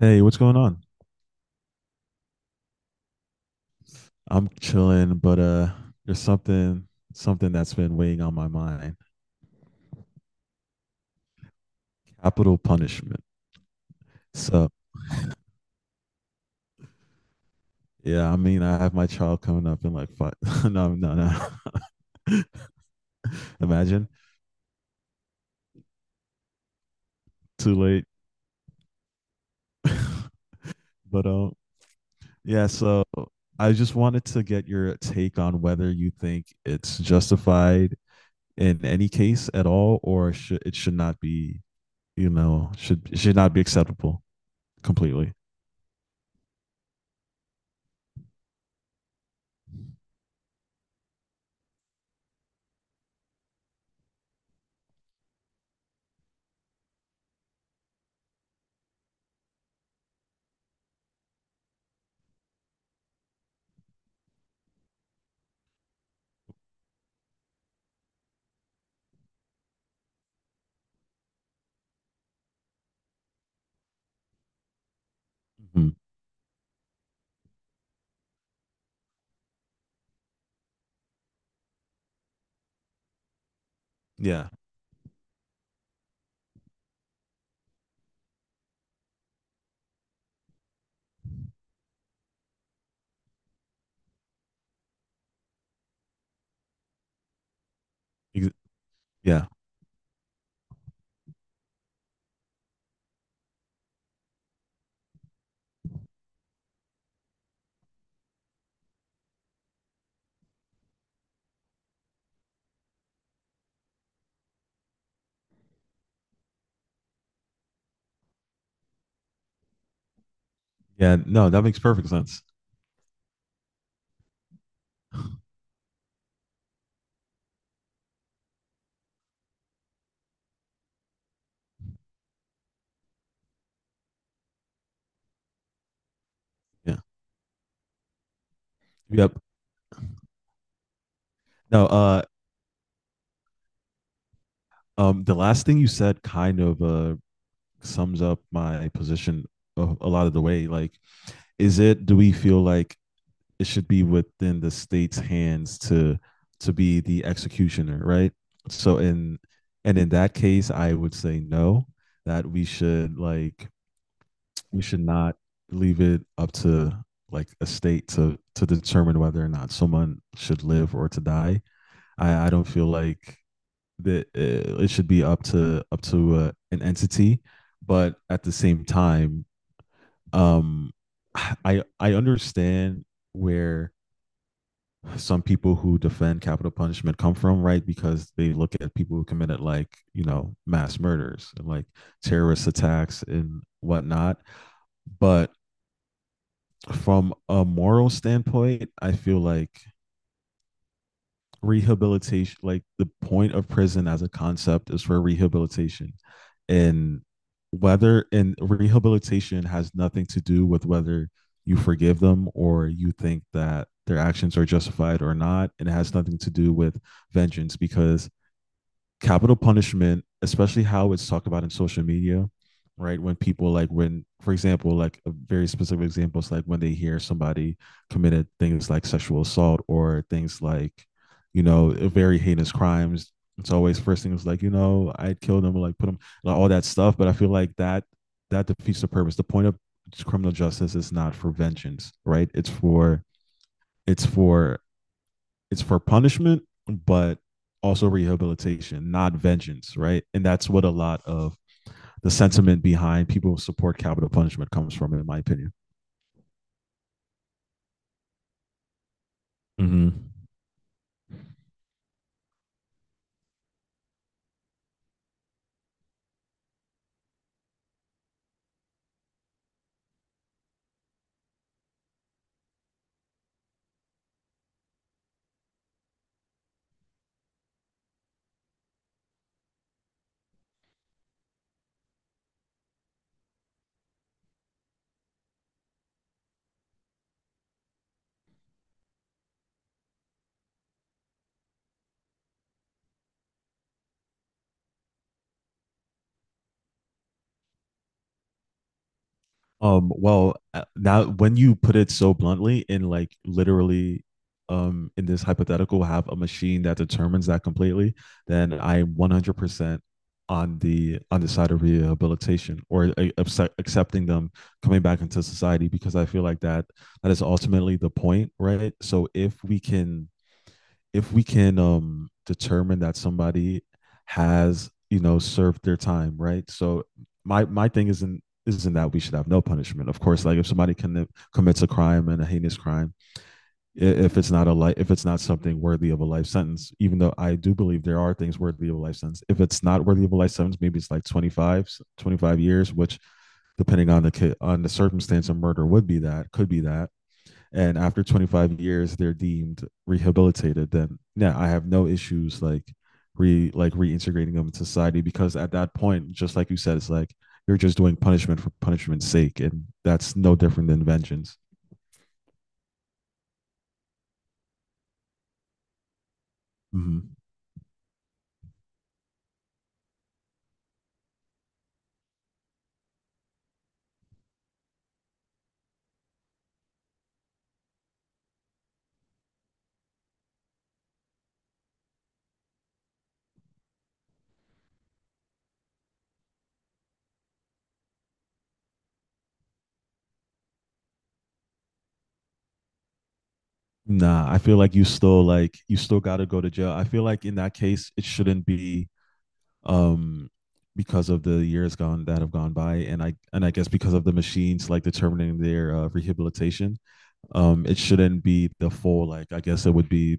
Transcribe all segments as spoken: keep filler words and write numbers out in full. Hey, what's going on? I'm chilling, but uh there's something something that's been weighing on my mind. Capital punishment. So yeah, I mean I have my child coming up in like five no no no. Imagine. Too late. But um yeah, so I just wanted to get your take on whether you think it's justified in any case at all or should it should not be, you know, should it should not be acceptable completely. Mhm. Yeah. Ex- Yeah. Yeah, no, that makes perfect sense. Yeah. Yep. No, uh um The last thing you said kind of uh sums up my position a, a lot of the way. Like, is it do we feel like it should be within the state's hands to to be the executioner, right? So in and in that case, I would say no, that we should like we should not leave it up to like a state to to determine whether or not someone should live or to die. I, I don't feel like that uh, it should be up to up to uh, an entity, but at the same time, um, I I understand where some people who defend capital punishment come from, right? Because they look at people who committed like, you know, mass murders and like terrorist attacks and whatnot. But from a moral standpoint, I feel like rehabilitation like the point of prison as a concept is for rehabilitation and whether and rehabilitation has nothing to do with whether you forgive them or you think that their actions are justified or not, and it has nothing to do with vengeance. Because capital punishment, especially how it's talked about in social media, right? When people like when, for example, like a very specific example is like when they hear somebody committed things like sexual assault or things like, you know, very heinous crimes. It's always first thing is like, you know, I'd kill them or like put them like all that stuff. But I feel like that that defeats the purpose. The point of criminal justice is not for vengeance, right? It's for it's for it's for punishment, but also rehabilitation, not vengeance, right? And that's what a lot of the sentiment behind people who support capital punishment comes from, in my opinion. Mm-hmm. Um, well, uh, now when you put it so bluntly, in like literally, um, in this hypothetical, have a machine that determines that completely, then I'm one hundred percent on the on the side of rehabilitation or a- accept- accepting them coming back into society because I feel like that that is ultimately the point, right? So if we can if we can um determine that somebody has, you know, served their time, right? So my my thing isn't isn't that we should have no punishment. Of course, like if somebody can commits a crime and a heinous crime, if it's not a life if it's not something worthy of a life sentence, even though I do believe there are things worthy of a life sentence, if it's not worthy of a life sentence, maybe it's like twenty-five years, which depending on the ki- on the circumstance of murder would be, that could be that. And after twenty-five years they're deemed rehabilitated, then yeah, I have no issues like re like reintegrating them in society, because at that point, just like you said, it's like you're just doing punishment for punishment's sake, and that's no different than vengeance. Mm-hmm. Nah, I feel like you still like you still got to go to jail. I feel like in that case it shouldn't be um because of the years gone that have gone by, and i and i guess because of the machines like determining their uh, rehabilitation, um it shouldn't be the full, like I guess it would be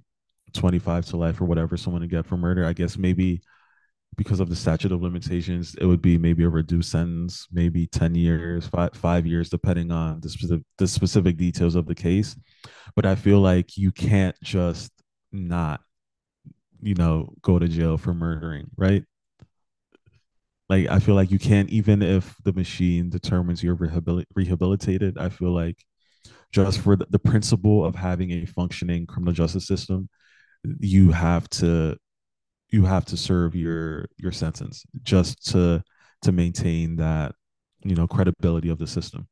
twenty-five to life or whatever someone to get for murder, I guess maybe because of the statute of limitations it would be maybe a reduced sentence, maybe ten years, five, five years, depending on the specific, the specific details of the case. But I feel like you can't just not, you know, go to jail for murdering, right? Like I feel like you can't, even if the machine determines you're rehabil- rehabilitated, I feel like just for the, the principle of having a functioning criminal justice system, you have to you have to serve your your sentence, just to to maintain that, you know, credibility of the system.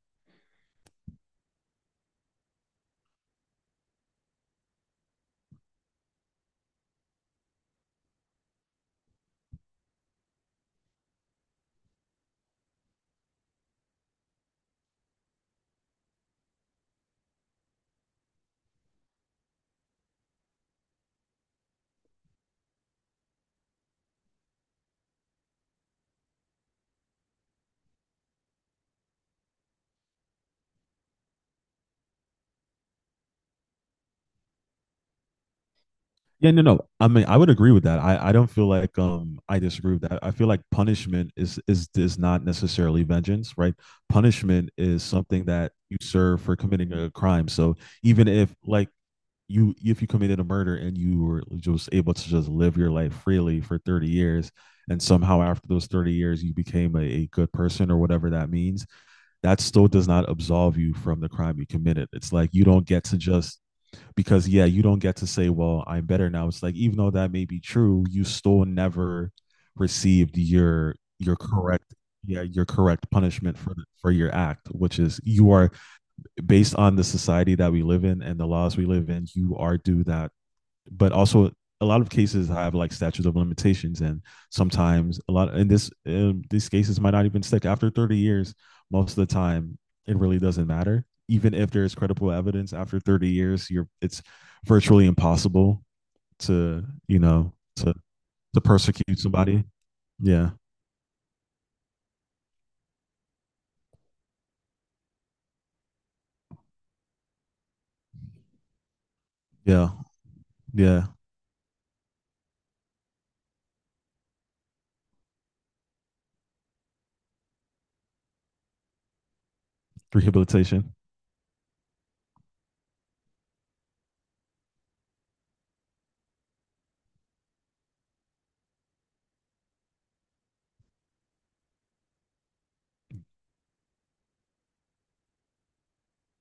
Yeah no no, I mean I would agree with that. I i don't feel like um I disagree with that. I feel like punishment is is is not necessarily vengeance, right? Punishment is something that you serve for committing a crime. So even if like you, if you committed a murder and you were just able to just live your life freely for thirty years, and somehow after those thirty years you became a, a good person or whatever that means, that still does not absolve you from the crime you committed. It's like you don't get to just, because yeah, you don't get to say well I'm better now. It's like even though that may be true, you still never received your your correct, yeah, your correct punishment for for your act, which is you are, based on the society that we live in and the laws we live in, you are due that. But also a lot of cases have like statutes of limitations, and sometimes a lot in this um, these cases might not even stick after thirty years. Most of the time it really doesn't matter. Even if there's credible evidence after thirty years, you're, it's virtually impossible to, you know, to to persecute somebody. Yeah. Yeah. Yeah, rehabilitation.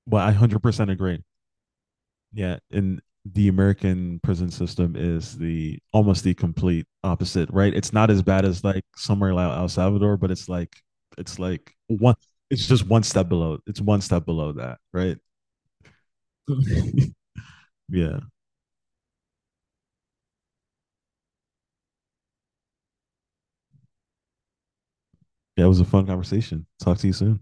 Well, I one hundred percent agree. Yeah, and the American prison system is the almost the complete opposite, right? It's not as bad as like somewhere like El Salvador, but it's like it's like one it's just one step below. It's one step below that, right? Yeah. Yeah, it was a fun conversation. Talk to you soon.